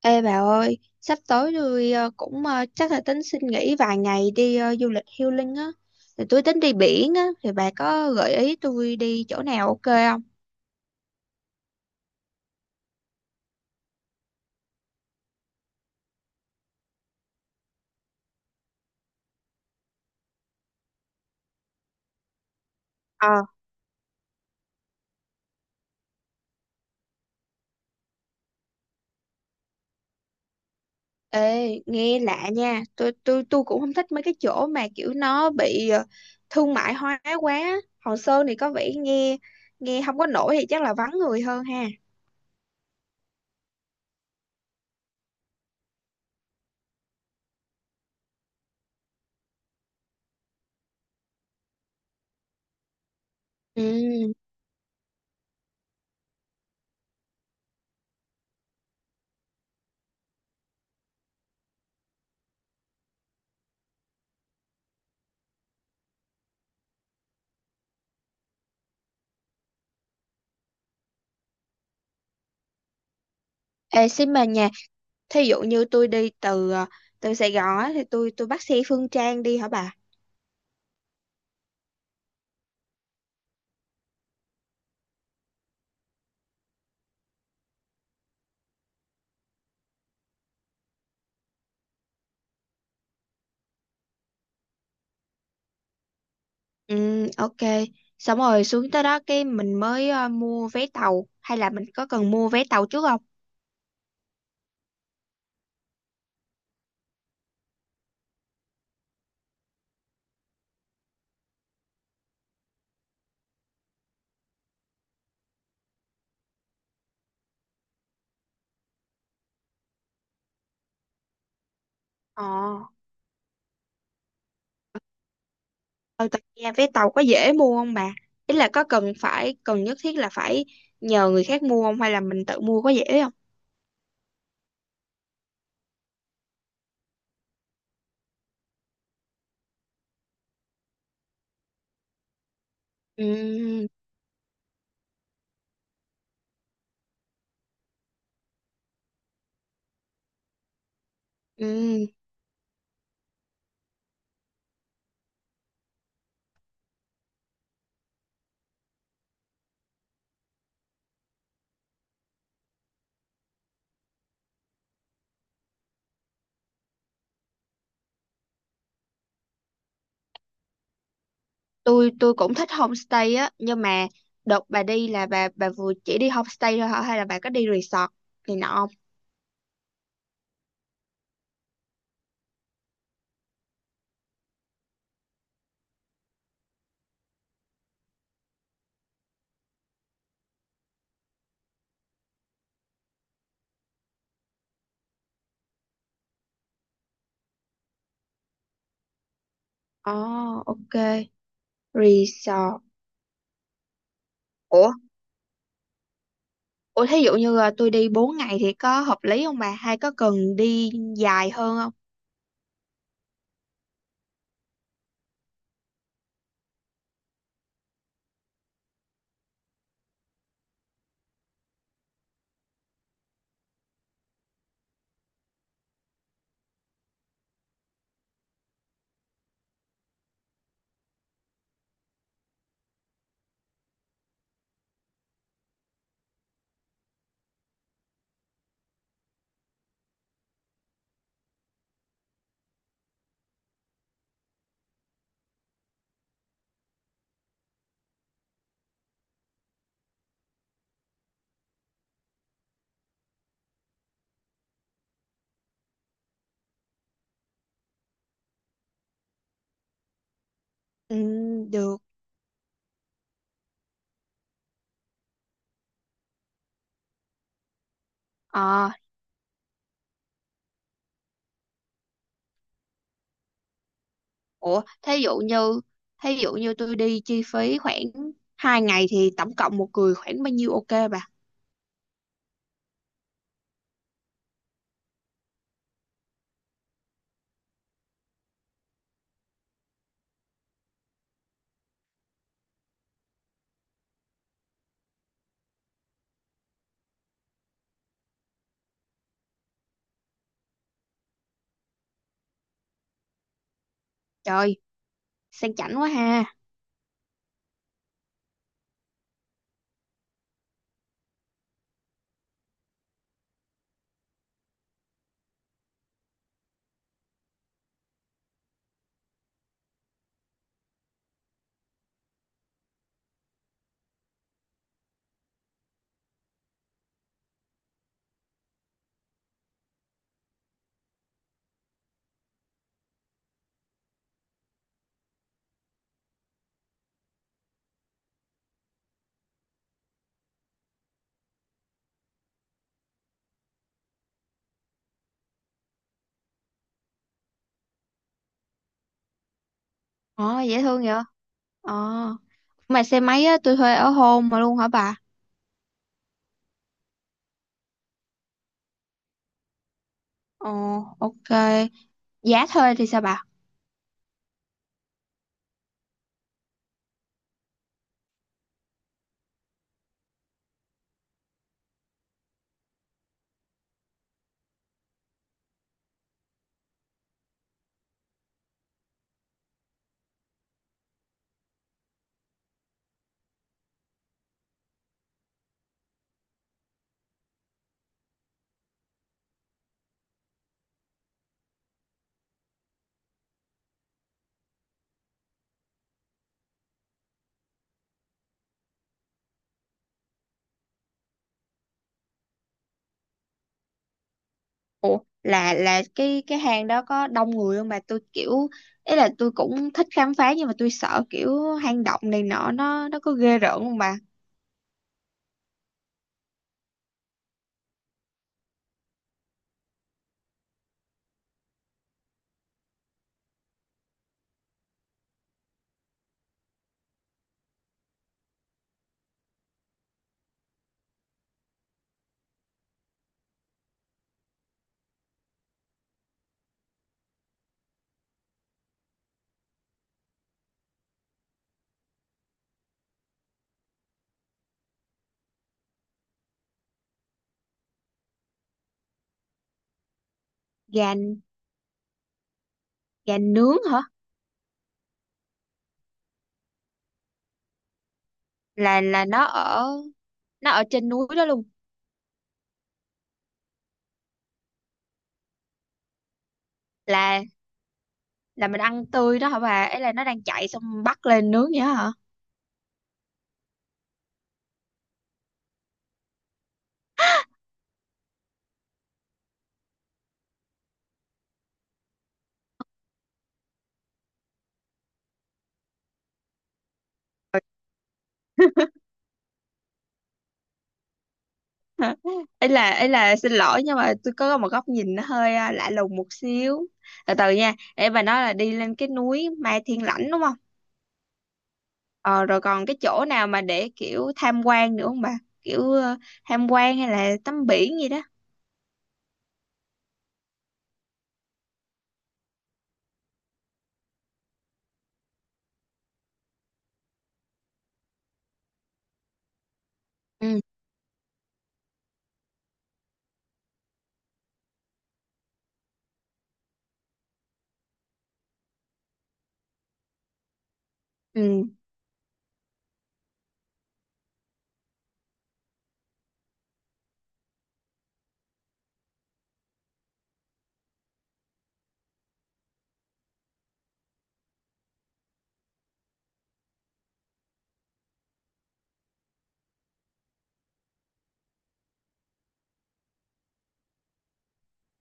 Ê bà ơi, sắp tới tôi cũng chắc là tính xin nghỉ vài ngày đi du lịch healing á. Thì tôi tính đi biển á, thì bà có gợi ý tôi đi chỗ nào ok không? Ờ, ê, nghe lạ nha. Tôi cũng không thích mấy cái chỗ mà kiểu nó bị thương mại hóa quá. Hòn Sơn thì có vẻ nghe nghe không có nổi thì chắc là vắng người hơn ha. Ừ. Ê, xin bà nha. Thí dụ như tôi đi từ từ Sài Gòn á, thì tôi bắt xe Phương Trang đi hả bà? Ừ, ok. Xong rồi xuống tới đó cái mình mới mua vé tàu hay là mình có cần mua vé tàu trước không? Ờ, ở tận nhà vé tàu có dễ mua không bà? Ý là có cần phải cần nhất thiết là phải nhờ người khác mua không hay là mình tự mua có dễ không? Ừ, ừ. Tôi cũng thích homestay á, nhưng mà đợt bà đi là bà vừa chỉ đi homestay thôi hả hay là bà có đi resort này nọ không? Ờ, ok. Resort. Ủa, ủa thí dụ như là tôi đi 4 ngày thì có hợp lý không bà? Hay có cần đi dài hơn không? Ừ, được. Ờ, ủa thí dụ như tôi đi chi phí khoảng 2 ngày thì tổng cộng một người khoảng bao nhiêu ok bà? Trời, sang chảnh quá ha. Ờ, dễ thương vậy. Ờ, mà xe máy á, tôi thuê ở home mà luôn hả bà? Ờ, ok. Giá thuê thì sao bà? Ủa, là cái hang đó có đông người không bà? Tôi kiểu ý là tôi cũng thích khám phá nhưng mà tôi sợ kiểu hang động này nọ nó có ghê rợn không bà? Gà gà nướng hả? Là nó ở trên núi đó luôn? Là là mình ăn tươi đó hả bà? Ấy là nó đang chạy xong bắt lên nướng vậy đó hả? Ấy là xin lỗi nhưng mà tôi có một góc nhìn nó hơi lạ lùng một xíu. Từ từ nha, ấy bà nói là đi lên cái núi Mai Thiên Lãnh đúng không? Ờ, rồi còn cái chỗ nào mà để kiểu tham quan nữa không bà? Kiểu tham quan hay là tắm biển gì đó. Ừ. Ừ,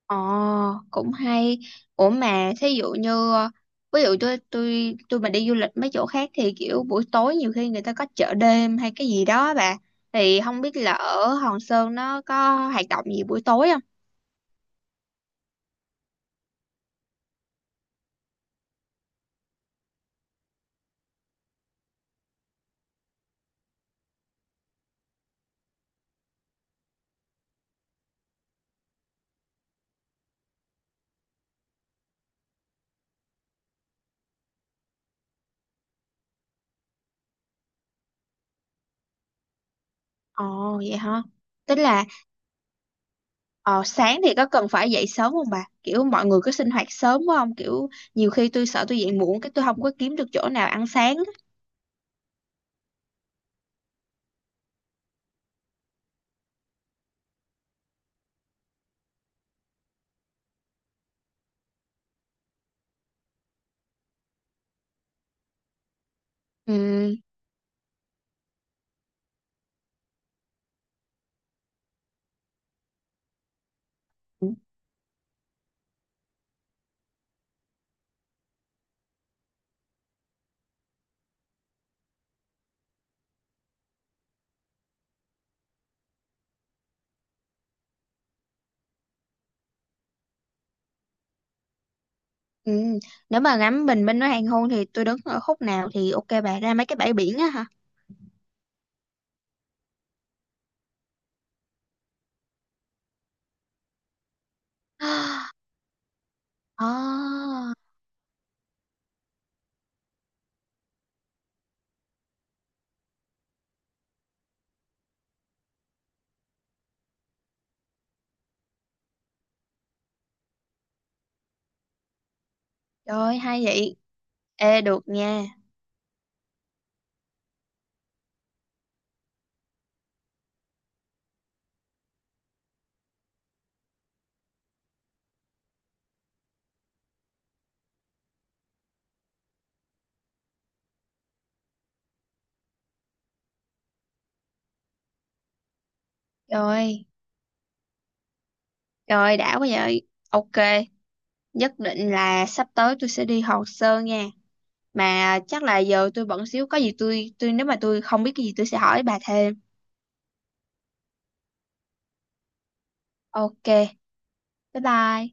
ờ, cũng hay. Ủa mà thí dụ như ví dụ tôi mà đi du lịch mấy chỗ khác thì kiểu buổi tối nhiều khi người ta có chợ đêm hay cái gì đó bà. Thì không biết là ở Hòn Sơn nó có hoạt động gì buổi tối không? Ồ vậy hả? Tức là ờ, sáng thì có cần phải dậy sớm không bà? Kiểu mọi người có sinh hoạt sớm quá không? Kiểu nhiều khi tôi sợ tôi dậy muộn cái tôi không có kiếm được chỗ nào ăn sáng á. Ừm, ừm. Nếu mà ngắm bình minh nó hoàng hôn thì tôi đứng ở khúc nào thì ok bà? Ra mấy cái bãi biển á hả? À, trời ơi, hay vậy. Ê được nha. Trời ơi, trời ơi, đã quá vậy. Ok, nhất định là sắp tới tôi sẽ đi Hòn Sơn nha. Mà chắc là giờ tôi bận xíu, có gì tôi nếu mà tôi không biết cái gì tôi sẽ hỏi bà thêm. Ok. Bái bai.